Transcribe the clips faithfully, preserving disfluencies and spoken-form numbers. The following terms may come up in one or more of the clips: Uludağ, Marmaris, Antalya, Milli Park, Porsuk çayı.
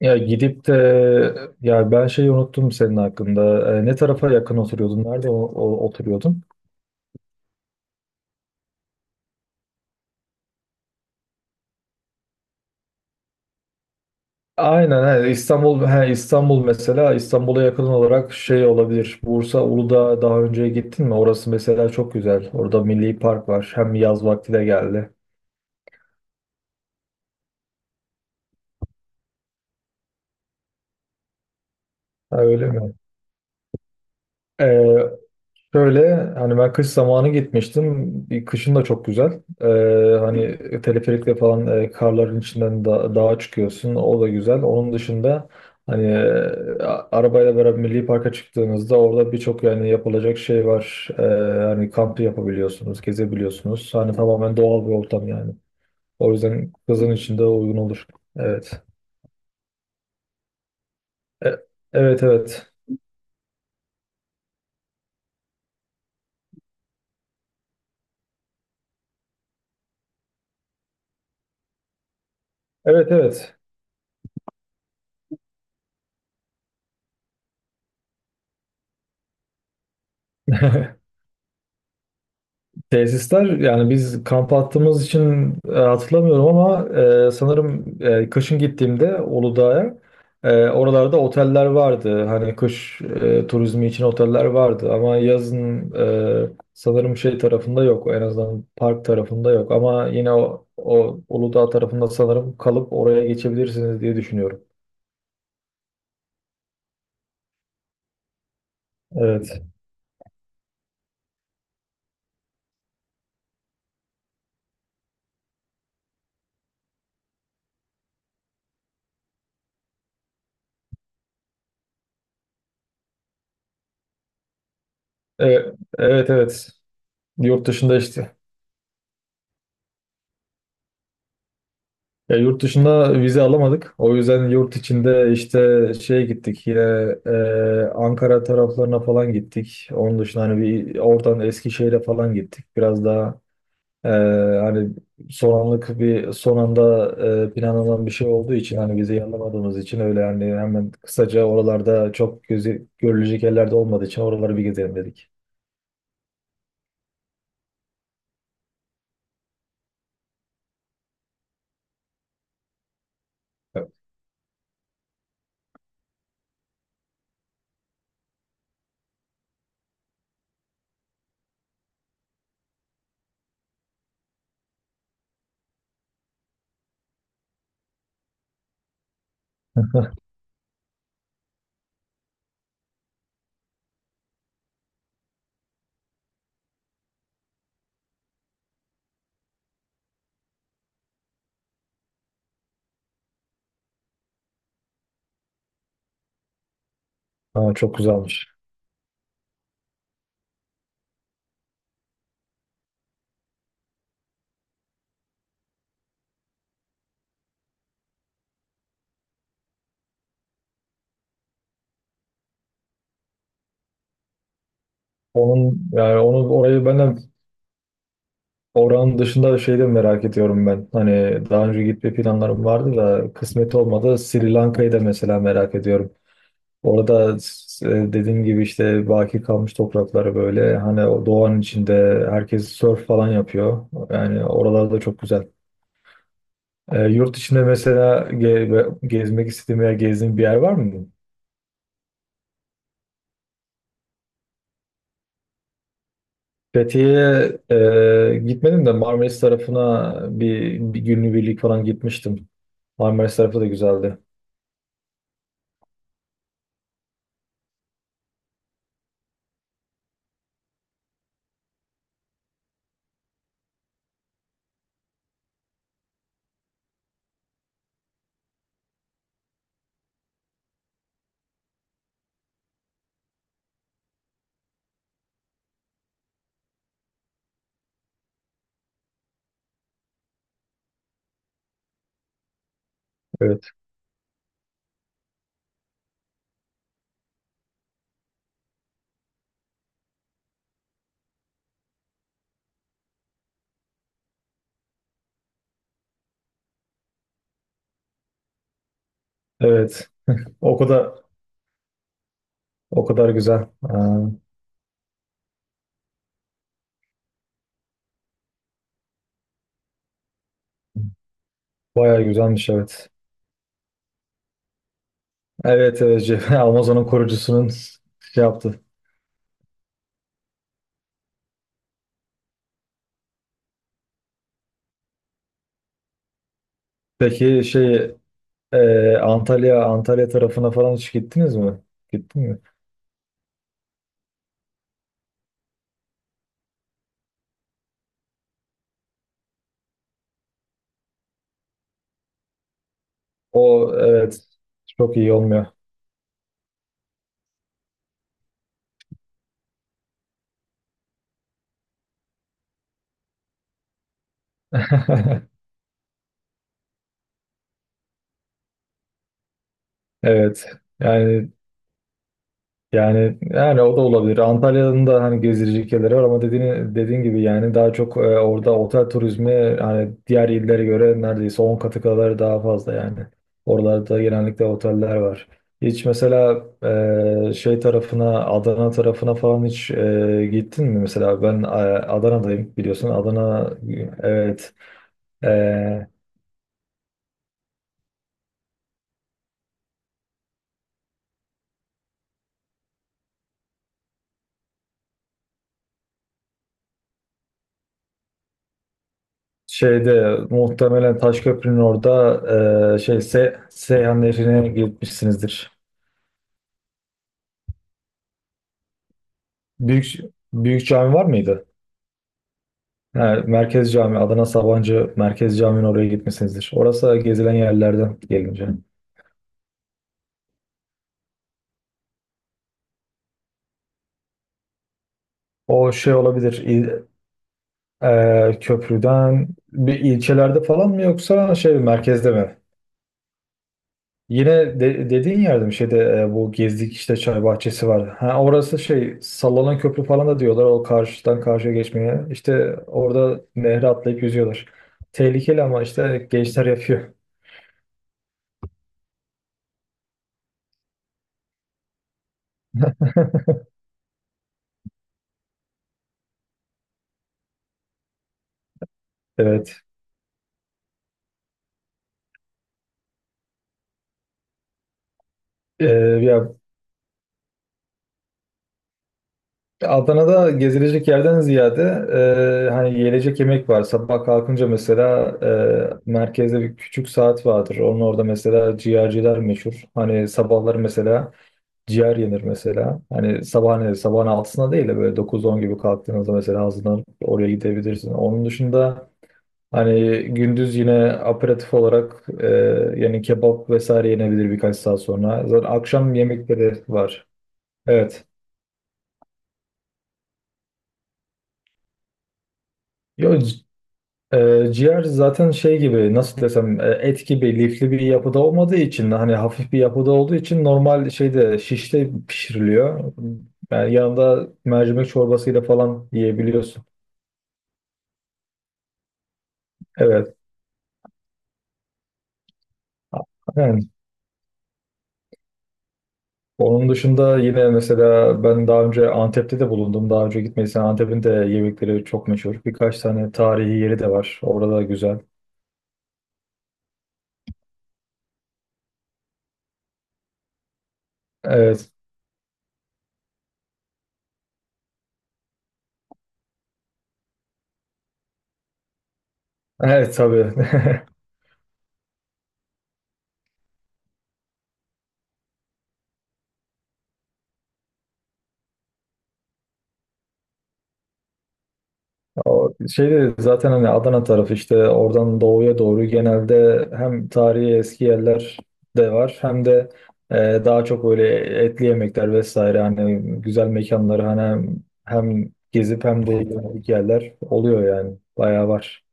Ya gidip de Ya ben şeyi unuttum senin hakkında. E, ne tarafa yakın oturuyordun? Nerede o- o- oturuyordun? Aynen, he, İstanbul, he, İstanbul mesela İstanbul'a yakın olarak şey olabilir. Bursa Uludağ'a daha önce gittin mi? Orası mesela çok güzel. Orada Milli Park var. Hem yaz vakti de geldi. Ha, öyle mi? Şöyle hani ben kış zamanı gitmiştim. Bir kışın da çok güzel. Ee, hani teleferikle falan e, karların içinden da dağa çıkıyorsun. O da güzel. Onun dışında hani e, a- arabayla beraber Milli Park'a çıktığınızda orada birçok yani yapılacak şey var. Ee, hani kamp yapabiliyorsunuz, gezebiliyorsunuz. Hani tamamen doğal bir ortam yani. O yüzden kızın içinde uygun olur. Evet. E- evet, evet. Evet, evet. Tesisler, yani biz kamp attığımız için e, hatırlamıyorum ama e, sanırım e, kışın gittiğimde Uludağ'a e, oralarda oteller vardı. Hani kış e, turizmi için oteller vardı ama yazın e, sanırım şey tarafında yok. En azından park tarafında yok ama yine o, o Uludağ tarafında sanırım kalıp oraya geçebilirsiniz diye düşünüyorum. Evet. E, evet, evet. Yurt dışında işte. Ya yurt dışında vize alamadık. O yüzden yurt içinde işte şeye gittik yine e, Ankara taraflarına falan gittik. Onun dışında hani bir oradan Eskişehir'e falan gittik. Biraz daha e, hani son anlık bir son anda e, planlanan bir şey olduğu için hani vizeyi alamadığımız için öyle yani hemen kısaca oralarda çok gözü, görülecek yerlerde olmadığı için oraları bir gezelim dedik. Ha, çok güzelmiş. Onun yani onu orayı ben de... Oranın dışında şey de merak ediyorum ben. Hani daha önce gitme planlarım vardı da kısmet olmadı. Sri Lanka'yı da mesela merak ediyorum. Orada s- e, dediğim gibi işte baki kalmış toprakları böyle hani o doğanın içinde herkes surf falan yapıyor. Yani oralarda çok güzel. E, yurt içinde mesela ge- gezmek istediğim veya gezdiğim bir yer var mı? Fethiye'ye e, gitmedim de Marmaris tarafına bir, bir günlük birlik falan gitmiştim. Marmaris tarafı da güzeldi. Evet. Evet. O kadar o kadar güzel. Aa, bayağı güzelmiş, evet. Evet, evet, Jeff, Amazon'un kurucusunun şey yaptı. Peki şey, e, Antalya Antalya tarafına falan hiç gittiniz mi? Gittin mi? O, evet, çok iyi olmuyor. Evet. Yani, Yani yani o da olabilir. Antalya'nın da hani gezilecek yerleri var ama dediğin dediğin gibi yani daha çok e, orada otel turizmi hani diğer illere göre neredeyse on katı kadar daha fazla yani. Oralarda genellikle oteller var. Hiç mesela e, şey tarafına Adana tarafına falan hiç e, gittin mi? Mesela ben e, Adana'dayım, biliyorsun. Adana, evet. E, Şeyde Muhtemelen Taşköprü'nün orada e, şey Se Seyhan Nehri'ne gitmişsinizdir. Büyük büyük cami var mıydı? Ha, Merkez Cami, Adana Sabancı Merkez Cami'nin oraya gitmişsinizdir. Orası gezilen yerlerden gelince. O şey olabilir, il, e, köprüden bir ilçelerde falan mı yoksa şey merkezde mi? Yine de, dediğin yerde mi, şeyde e, bu gezdik işte çay bahçesi var. Ha, orası şey sallanan köprü falan da diyorlar o karşıdan karşıya geçmeye. İşte orada nehre atlayıp yüzüyorlar. Tehlikeli ama işte gençler yapıyor. Evet. Ee, Ya Adana'da gezilecek yerden ziyade e, hani yiyecek yemek var. Sabah kalkınca mesela e, merkezde bir küçük saat vardır. Onun orada mesela ciğerciler meşhur. Hani sabahları mesela ciğer yenir mesela. Hani sabah ne, sabahın altısında değil de böyle dokuz on gibi kalktığınızda mesela hazırlanıp oraya gidebilirsin. Onun dışında hani gündüz yine aperatif olarak e, yani kebap vesaire yenebilir birkaç saat sonra. Zaten akşam yemekleri var. Evet. Yok. Ee, ciğer zaten şey gibi, nasıl desem, e, et gibi lifli bir yapıda olmadığı için hani hafif bir yapıda olduğu için normal şeyde şişte pişiriliyor. Yani yanında mercimek çorbasıyla falan yiyebiliyorsun. Evet. Yani onun dışında yine mesela ben daha önce Antep'te de bulundum. Daha önce gitmediysen Antep'in de yemekleri çok meşhur. Birkaç tane tarihi yeri de var. Orada da güzel. Evet. Evet, tabii. O şeyde zaten hani Adana tarafı işte oradan doğuya doğru genelde hem tarihi eski yerler de var hem de e, daha çok böyle etli yemekler vesaire hani güzel mekanlar hani hem, hem gezip hem de yemek yerler oluyor yani bayağı var.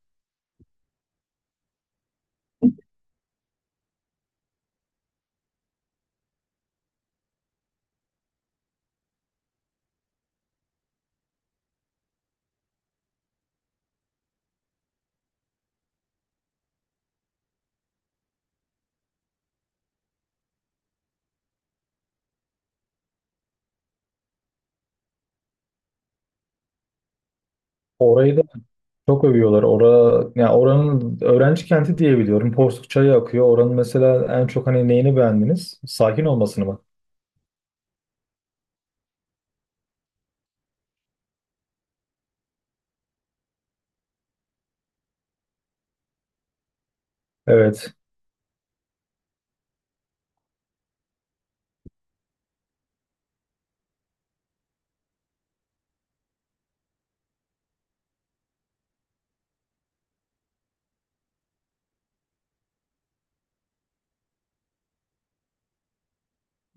Orayı da çok övüyorlar. Ora, yani oranın öğrenci kenti diye biliyorum. Porsuk çayı akıyor. Oranın mesela en çok hani neyini beğendiniz? Sakin olmasını mı? Evet.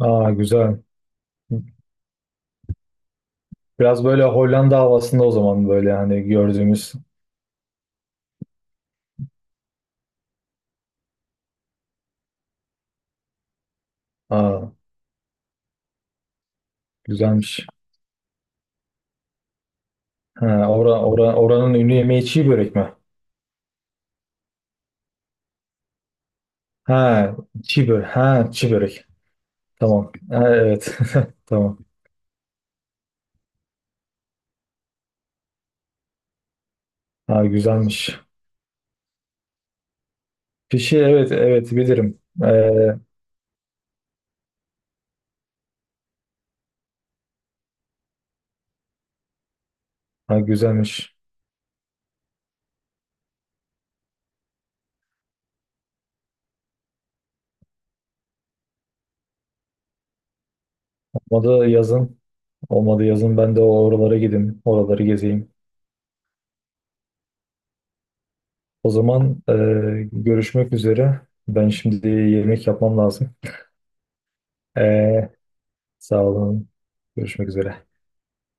Aa, güzel. Biraz böyle Hollanda havasında o zaman böyle hani gördüğümüz. Aa, güzelmiş. Ha, ora, ora, oranın ünlü yemeği çiğ börek mi? Ha, çiğ börek. Ha, çiğ börek. Tamam. Ha, evet. Tamam. Ha, güzelmiş. Fişi, evet, evet, bilirim. Ee, ha, güzelmiş. Olmadı yazın. Olmadı yazın ben de oralara gideyim. Oraları gezeyim. O zaman e, görüşmek üzere. Ben şimdi yemek yapmam lazım. Ee, Sağ olun. Görüşmek üzere.